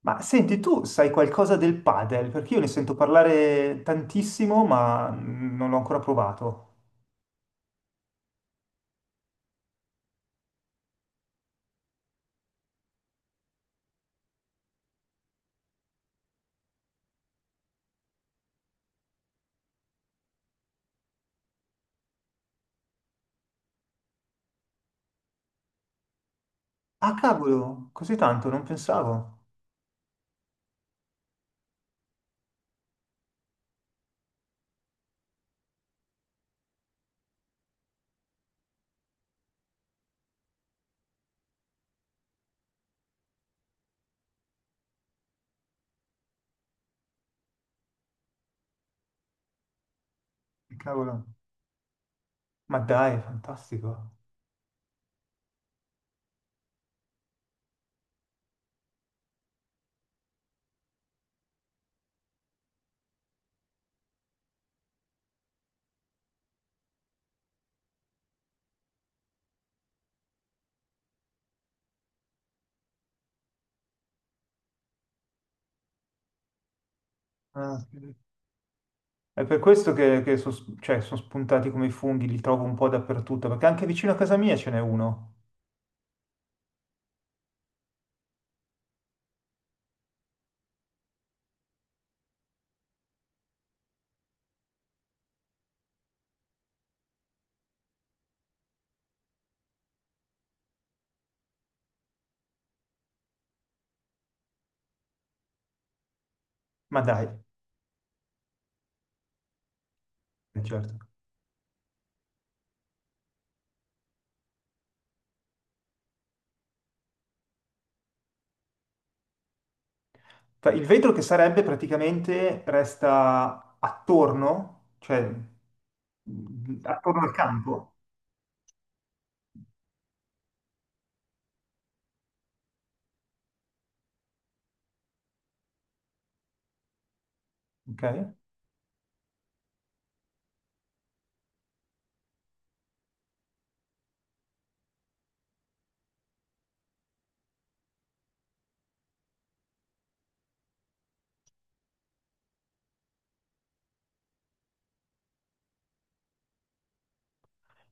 Ma senti, tu sai qualcosa del padel? Perché io ne sento parlare tantissimo, ma non l'ho ancora provato. Ah, cavolo, così tanto, non pensavo. Cavolo. Ma dai, fantastico. Ah, sì. È per questo che, cioè, sono spuntati come i funghi, li trovo un po' dappertutto, perché anche vicino a casa mia ce n'è uno. Ma dai, certo. Il vetro che sarebbe praticamente resta attorno, cioè attorno al campo, ok?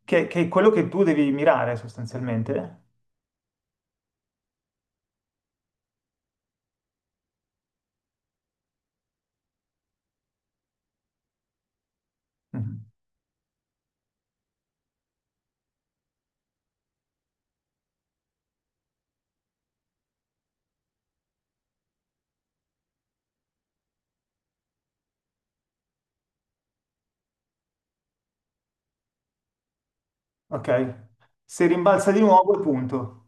Che è quello che tu devi mirare sostanzialmente. Mhm. Ok. Se rimbalza di nuovo è punto.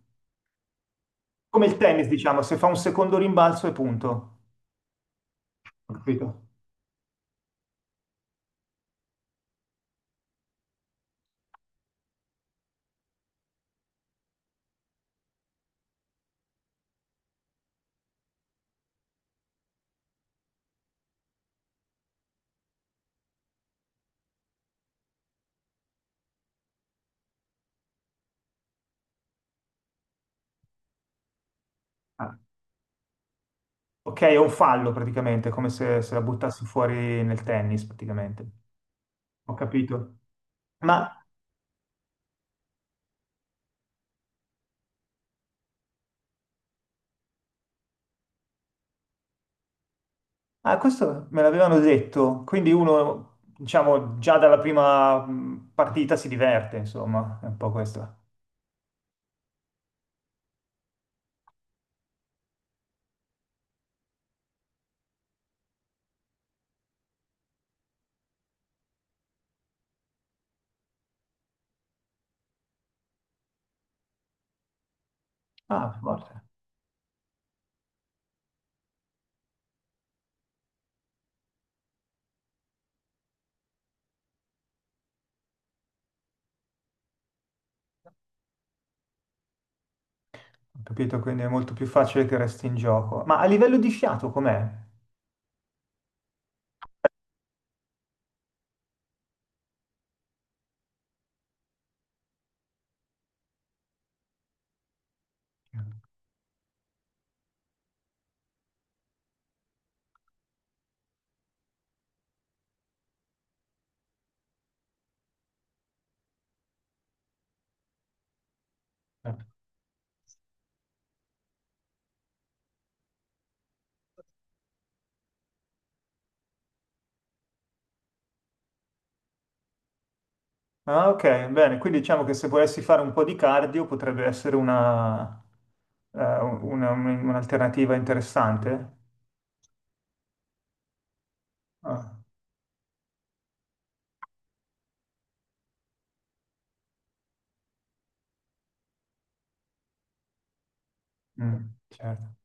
Come il tennis, diciamo, se fa un secondo rimbalzo è punto. Ho capito? Ah, ok, è un fallo praticamente, come se, se la buttassi fuori nel tennis praticamente. Ho capito. Ma Questo me l'avevano detto, quindi uno, diciamo, già dalla prima partita si diverte, insomma, è un po' questo. Ah, forte. Ho capito, quindi è molto più facile che resti in gioco. Ma a livello di fiato com'è? Eh. Ah, ok, bene. Quindi diciamo che se volessi fare un po' di cardio potrebbe essere una, un'alternativa interessante. Ah, mm, certo.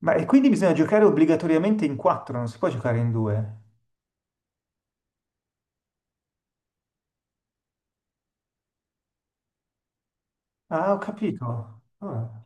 Ma e quindi bisogna giocare obbligatoriamente in quattro, non si può giocare in due. Ah, ho capito. Ah.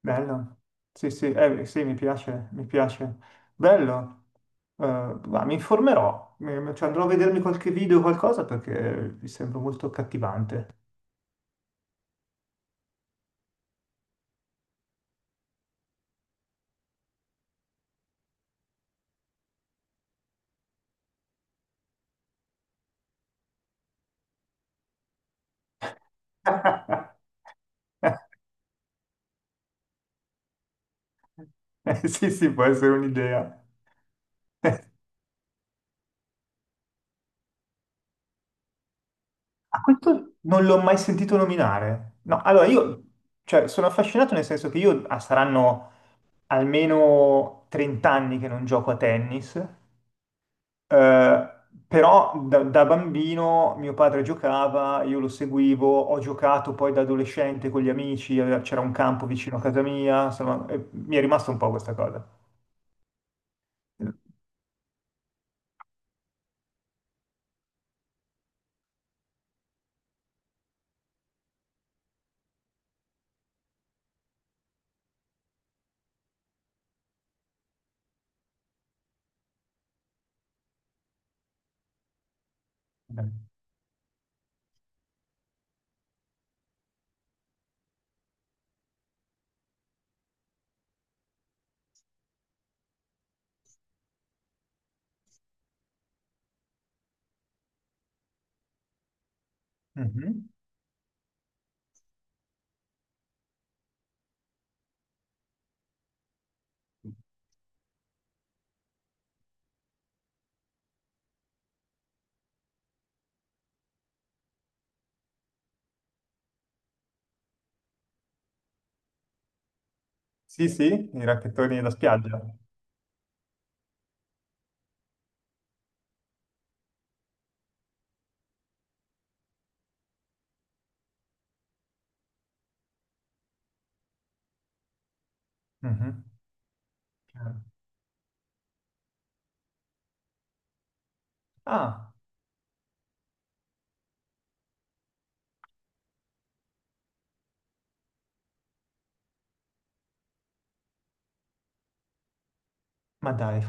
Bello. Sì, sì, sì, mi piace, mi piace. Bello. Eh, ma mi informerò, cioè, andrò a vedermi qualche video o qualcosa perché mi sembra molto cattivante. Sì, sì, può essere un'idea. Eh, A questo non l'ho mai sentito nominare. No, allora io, cioè, sono affascinato nel senso che io ah, saranno almeno 30 anni che non gioco a tennis. Eh, però da bambino mio padre giocava, io lo seguivo, ho giocato poi da adolescente con gli amici, c'era un campo vicino a casa mia, insomma, mi è rimasta un po' questa cosa. Mhm. Sì, sì, i racchettoni da spiaggia. Mhm. Ah, ma dai.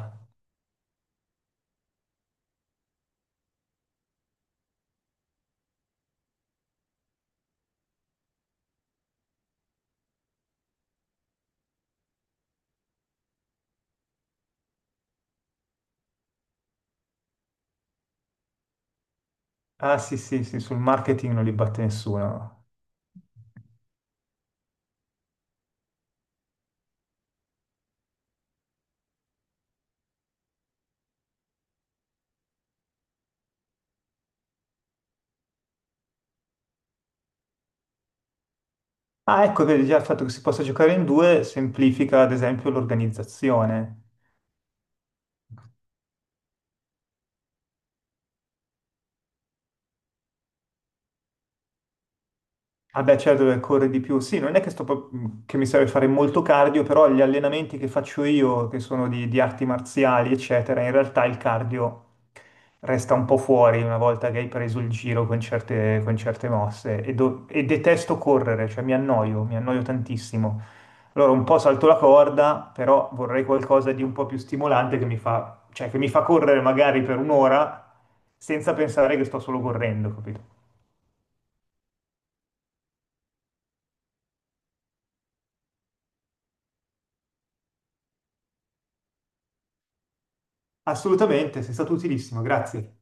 Ah, sì, sì, sì, sul marketing non li batte nessuno. Ah, ecco, vedi, già il fatto che si possa giocare in due semplifica, ad esempio, l'organizzazione. Ah beh, certo, deve correre di più. Sì, non è che, sto pro- che mi serve fare molto cardio, però gli allenamenti che faccio io, che sono di arti marziali, eccetera, in realtà il cardio resta un po' fuori una volta che hai preso il giro con certe mosse. E detesto correre, cioè mi annoio tantissimo. Allora un po' salto la corda, però vorrei qualcosa di un po' più stimolante che mi fa, cioè che mi fa correre magari per un'ora senza pensare che sto solo correndo, capito? Assolutamente, sei stato utilissimo, grazie.